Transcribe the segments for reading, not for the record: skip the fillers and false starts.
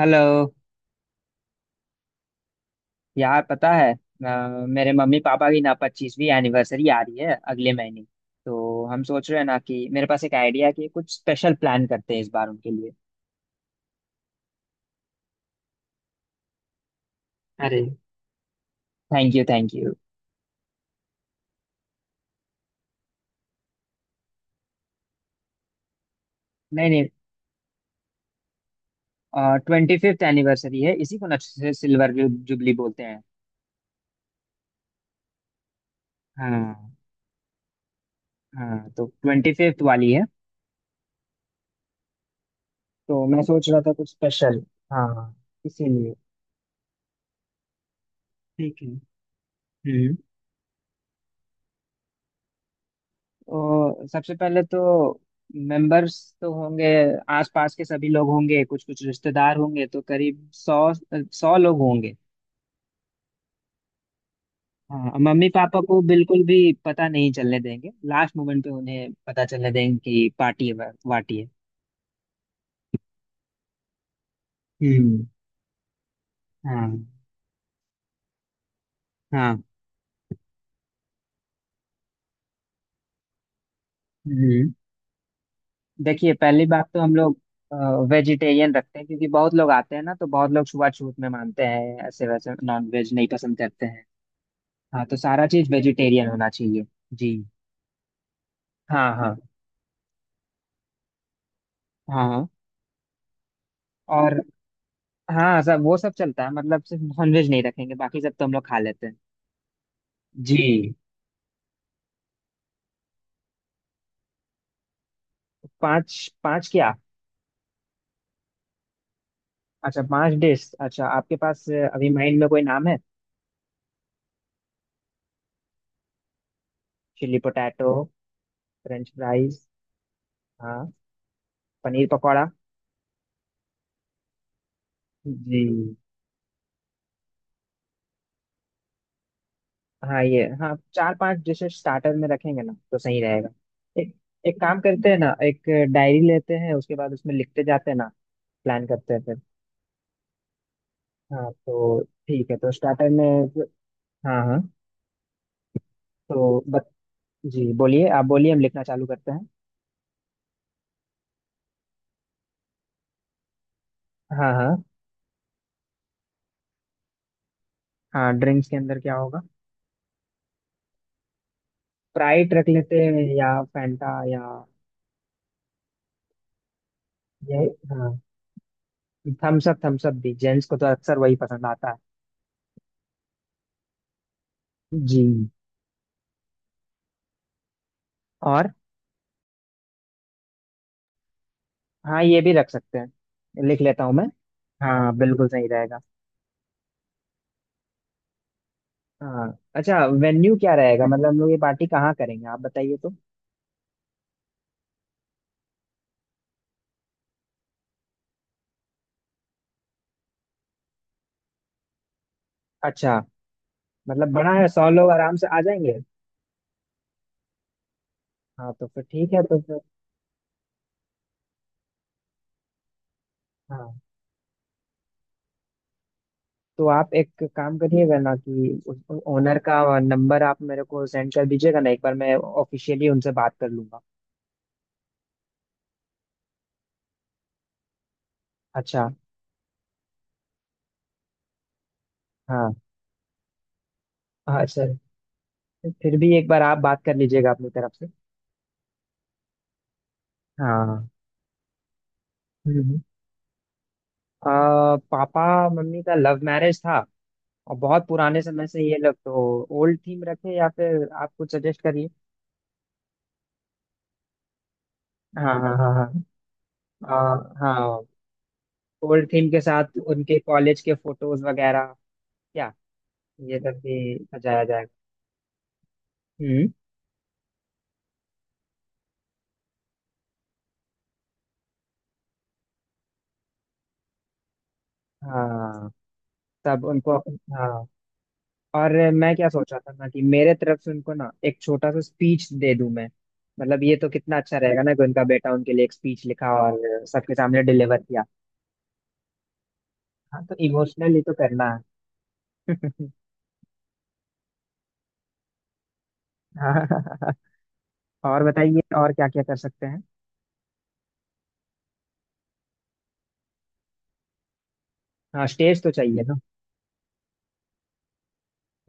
Hello. यार पता है मेरे मम्मी पापा की ना 25वीं एनिवर्सरी आ रही है अगले महीने। तो हम सोच रहे हैं ना कि मेरे पास एक आइडिया है कि कुछ स्पेशल प्लान करते हैं इस बार उनके लिए। अरे, थैंक यू थैंक यू। नहीं नहीं। 25th एनिवर्सरी है, इसी को ना सिल्वर जुबली बोलते हैं। हाँ हाँ, तो 25th वाली है। तो मैं सोच रहा था कुछ स्पेशल। हाँ, इसीलिए। ठीक है। हम्म तो सबसे पहले तो मेंबर्स तो होंगे। आसपास के सभी लोग होंगे, कुछ कुछ रिश्तेदार होंगे, तो करीब सौ सौ लोग होंगे। हाँ, मम्मी पापा को बिल्कुल भी पता नहीं चलने देंगे, लास्ट मोमेंट पे उन्हें पता चलने देंगे कि पार्टी है वार्टी है। हम्म। हाँ हाँ। हम्म। देखिए पहली बात तो हम लोग वेजिटेरियन रखते हैं क्योंकि बहुत लोग आते हैं ना, तो बहुत लोग छुआछूत में मानते हैं, ऐसे वैसे नॉन वेज नहीं पसंद करते हैं। हाँ, तो सारा चीज वेजिटेरियन होना चाहिए। जी। हाँ हाँ हाँ। और हाँ सब वो सब चलता है, मतलब सिर्फ नॉनवेज नहीं रखेंगे, बाकी सब तो हम लोग खा लेते हैं। जी। पांच। पांच क्या? अच्छा पांच डिश। अच्छा आपके पास अभी माइंड में कोई नाम है? Chilli potato. French fries. हाँ, पनीर पकौड़ा। जी। हाँ ये, हाँ चार पांच डिशेस स्टार्टर में रखेंगे ना तो सही रहेगा। एक एक काम करते हैं ना, एक डायरी लेते हैं, उसके बाद उसमें लिखते जाते हैं ना, प्लान करते हैं फिर। हाँ, तो ठीक है तो स्टार्टर में। हाँ हाँ तो जी, बोलिए आप, बोलिए हम लिखना चालू करते हैं। हाँ हाँ। हाँ ड्रिंक्स के अंदर क्या होगा? स्प्राइट रख लेते हैं या फैंटा या ये। हाँ थम्स अप, थम्स अप भी जेंट्स को तो अक्सर वही पसंद आता है। जी। और हाँ, ये भी रख सकते हैं, लिख लेता हूँ मैं। हाँ बिल्कुल सही रहेगा। हाँ। अच्छा वेन्यू क्या रहेगा, मतलब हम लोग ये पार्टी कहाँ करेंगे आप बताइए तो। अच्छा मतलब बड़ा है, 100 लोग आराम से आ जाएंगे। हाँ तो फिर ठीक है। तो फिर हाँ, तो आप एक काम करिएगा ना कि उस ओनर का नंबर आप मेरे को सेंड कर दीजिएगा ना, एक बार मैं ऑफिशियली उनसे बात कर लूंगा। अच्छा। हाँ हाँ सर, फिर भी एक बार आप बात कर लीजिएगा अपनी तरफ से। हाँ। हम्म। पापा मम्मी का लव मैरिज था और बहुत पुराने समय से ये लव, तो ओल्ड थीम रखें या फिर आप कुछ सजेस्ट करिए। हाँ हाँ हाँ हाँ। हाँ ओल्ड थीम के साथ उनके कॉलेज के फोटोज वगैरह। क्या ये सब भी सजाया जाएगा? हम्म। हाँ तब उनको। हाँ और मैं क्या सोच रहा था ना कि मेरे तरफ से उनको ना एक छोटा सा स्पीच दे दूं मैं। मतलब ये तो कितना अच्छा रहेगा ना कि उनका बेटा उनके लिए एक स्पीच लिखा और सबके सामने डिलीवर किया। हाँ तो इमोशनली तो करना है। हाँ और बताइए और क्या क्या कर सकते हैं? हाँ स्टेज तो चाहिए ना।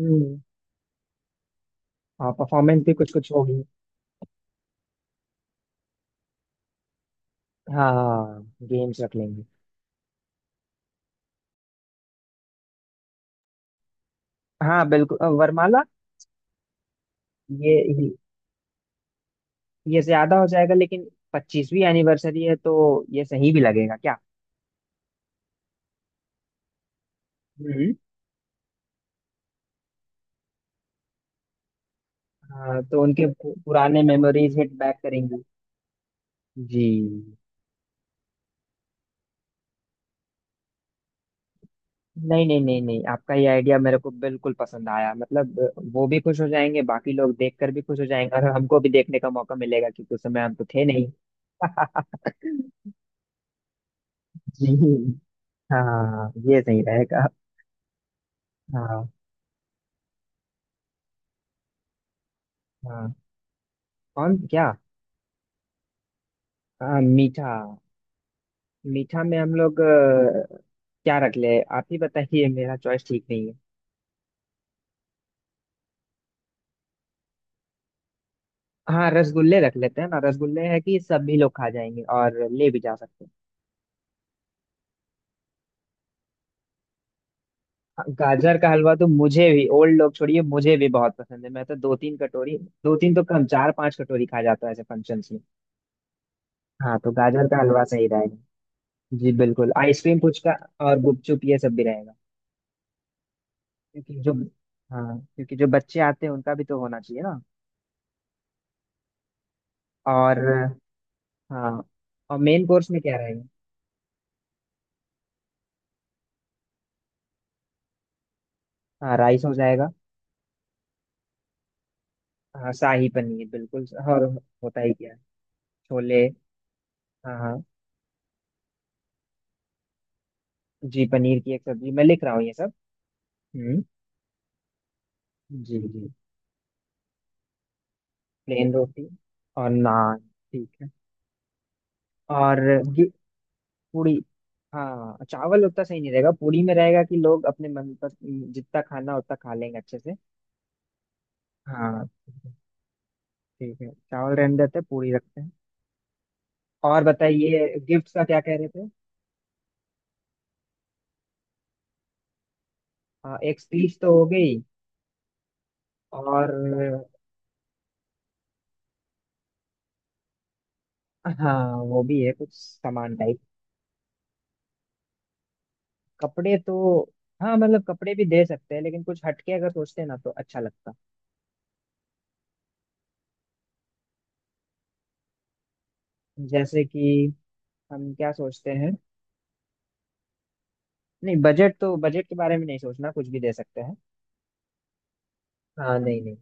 हम्म। हाँ परफॉर्मेंस भी कुछ कुछ होगी। हाँ गेम्स रख लेंगे। हाँ बिल्कुल वरमाला। ये ये ज्यादा हो जाएगा लेकिन 25वीं एनिवर्सरी है तो ये सही भी लगेगा क्या? हम्म। हाँ तो उनके पुराने मेमोरीज हिट बैक करेंगी। जी। नहीं नहीं नहीं नहीं, आपका ये आइडिया मेरे को बिल्कुल पसंद आया। मतलब वो भी खुश हो जाएंगे, बाकी लोग देखकर भी खुश हो जाएंगे और हमको भी देखने का मौका मिलेगा क्योंकि उस समय हम तो थे नहीं। जी। हाँ ये सही रहेगा। हाँ हाँ, कौन क्या? हाँ, मीठा। मीठा में हम लोग क्या रख ले, आप ही बताइए, मेरा चॉइस ठीक नहीं। हाँ रसगुल्ले रख लेते हैं ना, रसगुल्ले है कि सभी लोग खा जाएंगे और ले भी जा सकते हैं। हाँ, गाजर का हलवा तो मुझे भी, ओल्ड लोग छोड़िए, मुझे भी बहुत पसंद है, मैं तो दो तीन कटोरी, दो तीन तो कम, चार पांच कटोरी खा जाता है ऐसे फंक्शंस में। हाँ तो गाजर का हलवा सही रहेगा। जी बिल्कुल। आइसक्रीम, पुचका और गुपचुप ये सब भी रहेगा। क्योंकि जो हाँ क्योंकि जो बच्चे आते हैं उनका भी तो होना चाहिए ना। और हाँ, और मेन कोर्स में क्या रहेगा? हाँ राइस हो जाएगा। हाँ शाही पनीर बिल्कुल। और होता ही क्या है, छोले। हाँ हाँ। जी पनीर की एक सब्जी मैं लिख रहा हूँ ये सब। हम्म। जी जी। प्लेन रोटी और नान। ठीक है। और ये पूड़ी? हाँ चावल उतना सही नहीं रहेगा, पूड़ी में रहेगा कि लोग अपने मन पर जितना खाना उतना खा लेंगे अच्छे से। हाँ ठीक है। ठीक है, चावल रहने देते हैं, पूड़ी रखते हैं। और बताइए गिफ्ट का क्या कह रहे थे? हाँ एक स्पीच तो हो गई। और हाँ वो भी है, कुछ सामान टाइप। कपड़े तो हाँ, मतलब कपड़े भी दे सकते हैं लेकिन कुछ हटके अगर सोचते हैं ना तो अच्छा लगता है। जैसे कि हम क्या सोचते हैं। नहीं, बजट के बारे में नहीं सोचना, कुछ भी दे सकते हैं। हाँ नहीं नहीं।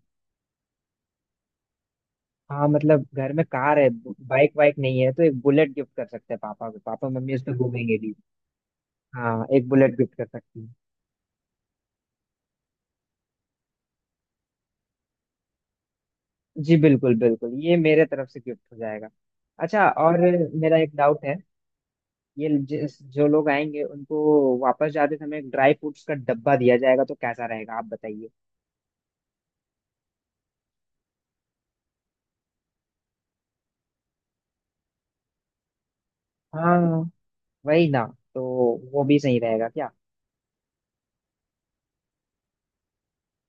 हाँ मतलब घर में कार है, बाइक वाइक नहीं है, तो एक बुलेट गिफ्ट कर सकते हैं पापा को। पापा मम्मी उस पर घूमेंगे भी। हाँ एक बुलेट गिफ्ट कर सकती हैं। जी बिल्कुल बिल्कुल, ये मेरे तरफ से गिफ्ट हो जाएगा। अच्छा और मेरा एक डाउट है। ये जिस जो लोग आएंगे उनको वापस जाते समय एक ड्राई फ्रूट्स का डब्बा दिया जाएगा तो कैसा रहेगा आप बताइए। हाँ वही ना। तो वो भी सही रहेगा क्या?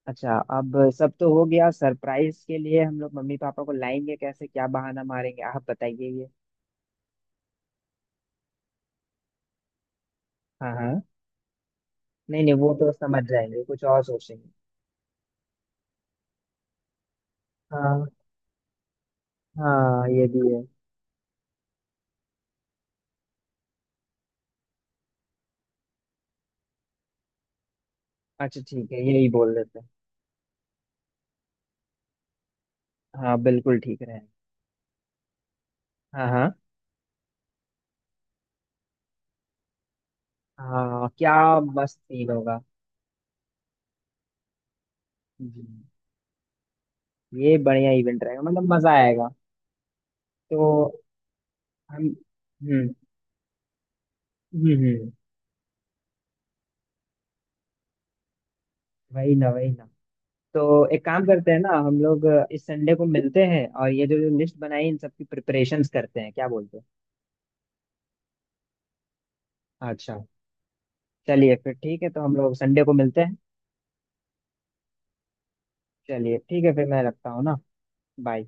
अच्छा अब सब तो हो गया। सरप्राइज के लिए हम लोग मम्मी पापा को लाएंगे कैसे, क्या बहाना मारेंगे आप बताइए ये। हाँ हाँ। नहीं नहीं वो तो समझ जाएंगे, कुछ और सोचेंगे। हाँ हाँ ये भी है। अच्छा ठीक है, यही बोल देते हैं। हाँ बिल्कुल ठीक रहेगा। हाँ हाँ। हाँ क्या मस्त सीन होगा। जी। ये बढ़िया इवेंट रहेगा, मतलब मजा आएगा। तो हम। हम्म हम्म हम्म, वही ना वही ना। तो एक काम करते हैं ना हम लोग इस संडे को मिलते हैं और ये जो जो लिस्ट बनाई इन सब की प्रिपरेशंस करते हैं, क्या बोलते हो? अच्छा। चलिए फिर ठीक है, तो हम लोग संडे को मिलते हैं। चलिए ठीक है, फिर मैं रखता हूँ ना। बाय।